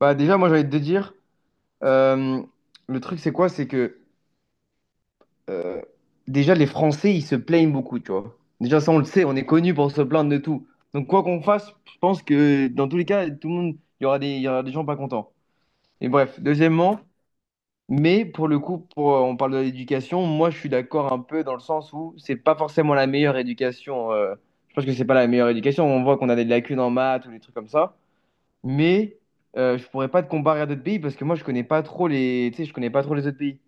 Bah déjà, moi j'ai envie de te dire, euh, le truc c'est quoi? C'est que euh, déjà les Français ils se plaignent beaucoup, tu vois. Déjà ça on le sait, on est connu pour se plaindre de tout. Donc quoi qu'on fasse, je pense que dans tous les cas, tout le monde, il y aura des gens pas contents. Et bref, deuxièmement, mais pour le coup, pour, on parle de l'éducation, moi je suis d'accord un peu dans le sens où c'est pas forcément la meilleure éducation. Je pense que c'est pas la meilleure éducation, on voit qu'on a des lacunes en maths ou des trucs comme ça, mais je pourrais pas te comparer à d'autres pays parce que moi je connais pas trop les tu sais, je connais pas trop les autres pays.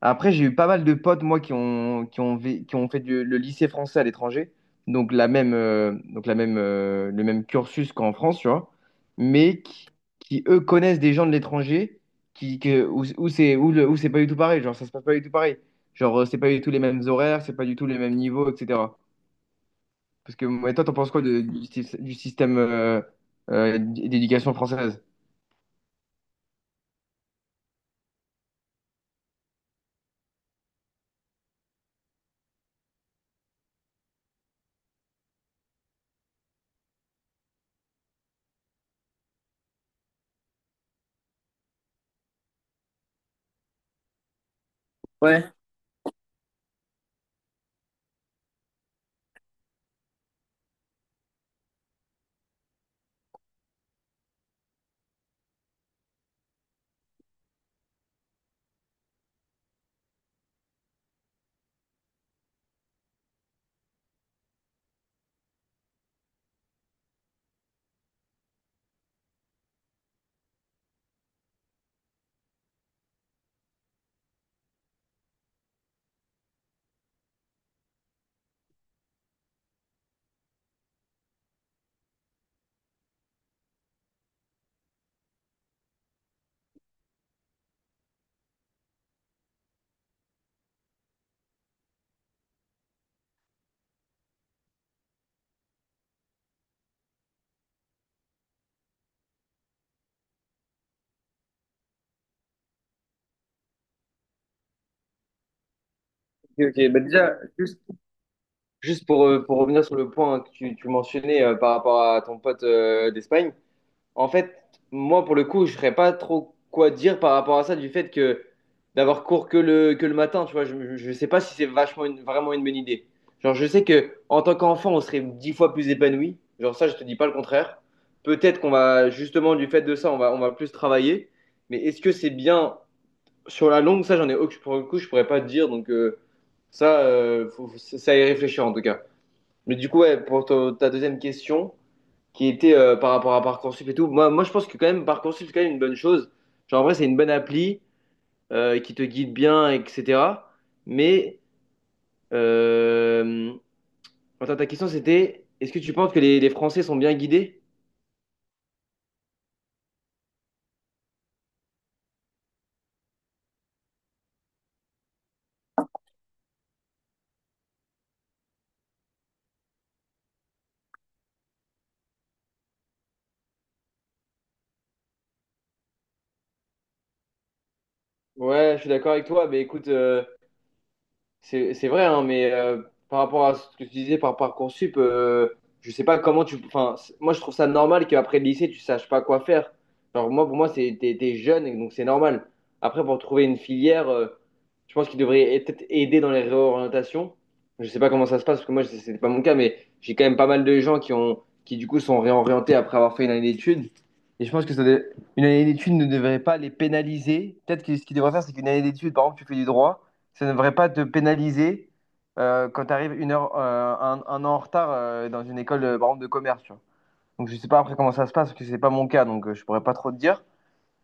Après j'ai eu pas mal de potes moi qui ont fait le lycée français à l'étranger, donc la même le même cursus qu'en France, tu vois, mais qui, eux connaissent des gens de l'étranger, qui que, où, où c'est où le- où c'est pas du tout pareil, genre ça se passe pas du tout pareil, genre c'est pas du tout les mêmes horaires, c'est pas du tout les mêmes niveaux, etc. Parce que ouais, toi t'en penses quoi du, du système d'éducation française? Ok, ok. Bah déjà, juste pour revenir sur le point que tu mentionnais par rapport à ton pote d'Espagne, en fait, moi, pour le coup, je ne saurais pas trop quoi dire par rapport à ça, du fait que d'avoir cours que le matin, tu vois, je ne sais pas si c'est vachement vraiment une bonne idée. Genre, je sais que en tant qu'enfant, on serait 10 fois plus épanoui. Genre, ça, je te dis pas le contraire. Peut-être qu'on va, justement, du fait de ça, on va plus travailler. Mais est-ce que c'est bien sur la longue, ça, j'en ai aucun. Pour le coup, je pourrais pas te dire. Donc, ça, c'est à y réfléchir en tout cas. Mais du coup, ouais, pour ta deuxième question, qui était par rapport à Parcoursup et tout, moi, je pense que quand même, Parcoursup, c'est quand même une bonne chose. Genre, en vrai, c'est une bonne appli qui te guide bien, etc. Mais, euh, attends, ta question, c'était, est-ce que tu penses que les Français sont bien guidés? Ouais, je suis d'accord avec toi, mais écoute. C'est vrai, hein, mais par rapport à ce que tu disais par Parcoursup, je sais pas comment tu. Enfin, moi, je trouve ça normal qu'après le lycée, tu saches pas quoi faire. Genre, moi, pour moi, t'es jeune, et donc c'est normal. Après, pour trouver une filière, je pense qu'il devrait peut-être aider dans les réorientations. Je sais pas comment ça se passe, parce que moi, c'est pas mon cas, mais j'ai quand même pas mal de gens qui du coup sont réorientés après avoir fait une année d'études. Et je pense que une année d'études ne devrait pas les pénaliser. Peut-être que ce qu'ils devraient faire, c'est qu'une année d'études, par exemple, tu fais du droit, ça ne devrait pas te pénaliser quand tu arrives une heure, un an en retard dans une école, par exemple, de commerce. Tu vois. Donc, je sais pas après comment ça se passe, parce que c'est pas mon cas, donc je pourrais pas trop te dire.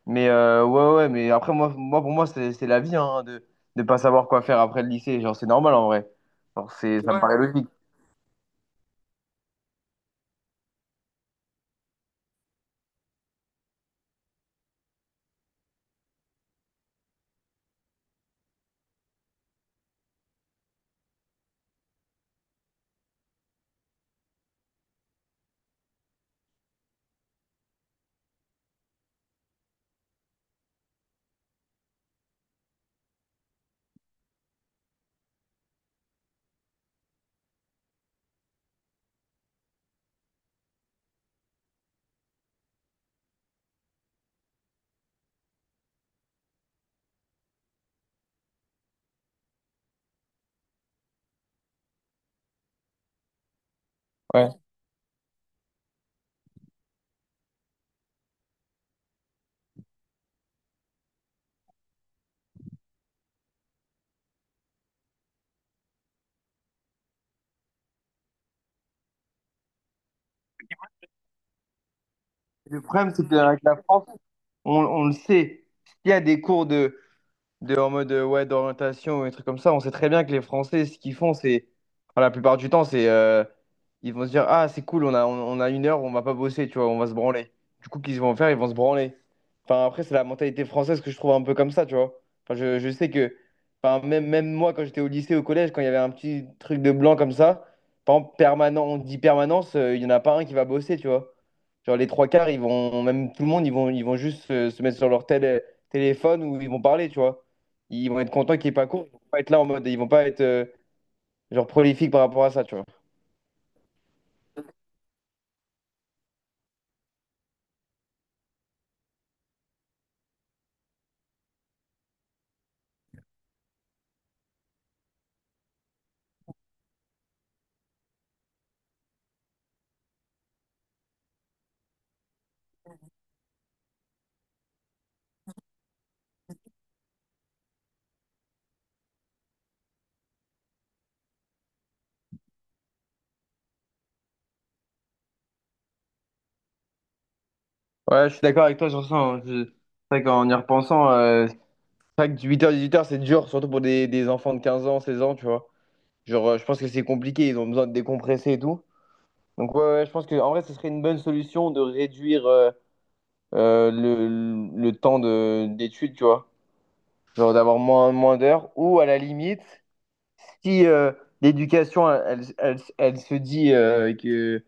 Mais ouais, ouais, mais après, moi, pour moi, c'est la vie, hein, de ne pas savoir quoi faire après le lycée. Genre, c'est normal en vrai. Genre, ça me, ouais, paraît logique. Ouais. Le problème, c'est qu'avec la France, on le sait. S'il y a des cours de, en mode ouais, d'orientation ou et trucs comme ça. On sait très bien que les Français, ce qu'ils font, c'est, enfin, la plupart du temps, c'est ils vont se dire, ah, c'est cool, on a une heure, on va pas bosser, tu vois, on va se branler. Du coup, qu'ils vont faire, ils vont se branler. Enfin, après, c'est la mentalité française que je trouve un peu comme ça, tu vois. Enfin, je sais que, enfin, même moi, quand j'étais au lycée, au collège, quand il y avait un petit truc de blanc comme ça, par exemple, permanent, on dit permanence, il y en a pas un qui va bosser, tu vois. Genre les trois quarts, ils vont, même tout le monde, ils vont juste se, mettre sur leur téléphone, ou ils vont parler, tu vois. Ils vont être contents qu'il n'y ait pas cours. Ils vont pas être là en mode. Ils vont pas être genre prolifiques par rapport à ça, tu vois. Ouais, je suis d'accord avec toi sur ça, hein. C'est vrai qu'en y repensant, c'est vrai que du 8h-18h, c'est dur, surtout pour des enfants de 15 ans, 16 ans, tu vois. Genre, je pense que c'est compliqué, ils ont besoin de décompresser et tout. Donc, ouais, ouais, je pense qu'en vrai, ce serait une bonne solution de réduire le temps d'études, tu vois. Genre d'avoir moins d'heures, ou à la limite, si l'éducation, elle se dit que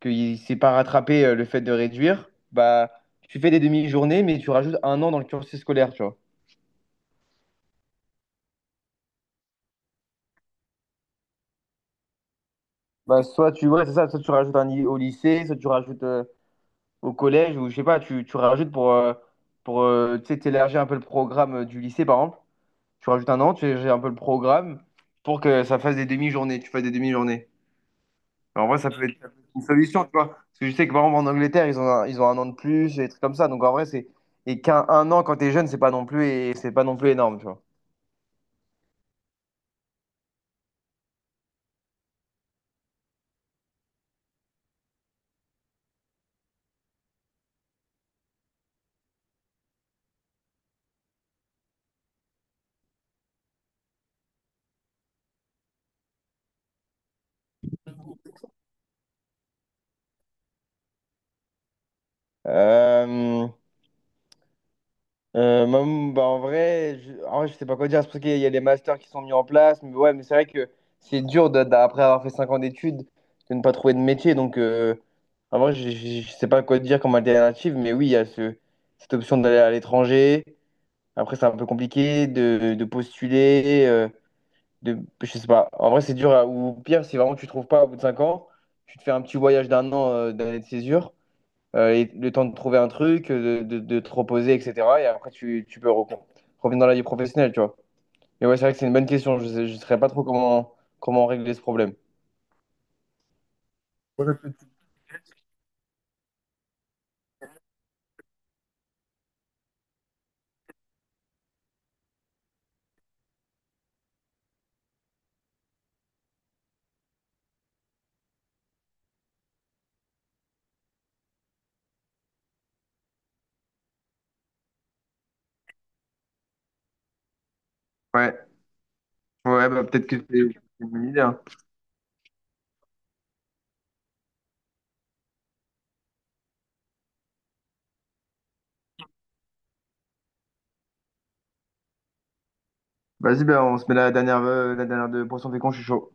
qu'il ne s'est pas rattrapé le fait de réduire, bah, tu fais des demi-journées, mais tu rajoutes un an dans le cursus scolaire, tu vois. Bah, soit ouais, c'est ça, soit tu rajoutes au lycée, soit tu rajoutes au collège, ou je sais pas, tu rajoutes pour tu sais, t'élargir un peu le programme du lycée, par exemple. Tu rajoutes un an, tu élargis un peu le programme pour que ça fasse des demi-journées, tu fasses des demi-journées. Alors, en vrai, ça peut être une solution, tu vois. Parce que je sais que, par exemple, en Angleterre, ils ont un an de plus, et des trucs comme ça. Donc, en vrai, c'est... Et qu'un un an, quand t'es jeune, c'est pas non plus, et c'est pas non plus énorme, tu vois. Euh, moi, bah, en vrai, en vrai, je sais pas quoi dire. C'est parce qu'il y a les masters qui sont mis en place. Mais ouais, mais c'est vrai que c'est dur d'après avoir fait 5 ans d'études de ne pas trouver de métier. Donc, en vrai, je sais pas quoi dire comme alternative. Mais oui, il y a cette option d'aller à l'étranger. Après, c'est un peu compliqué de postuler, de, je sais pas. En vrai, c'est dur. Ou pire, si vraiment tu trouves pas au bout de 5 ans, tu te fais un petit voyage d'un an d'année de césure, et le temps de trouver un truc, de te reposer, etc. Et après, tu peux revenir dans la vie professionnelle, tu vois. Mais ouais, c'est vrai que c'est une bonne question. Je saurais pas trop comment, régler ce problème. Ouais, ouais, ouais, bah, peut-être que c'est une bonne idée, hein. Vas-y, bah, on se met la dernière de pourcentage con, je suis chaud.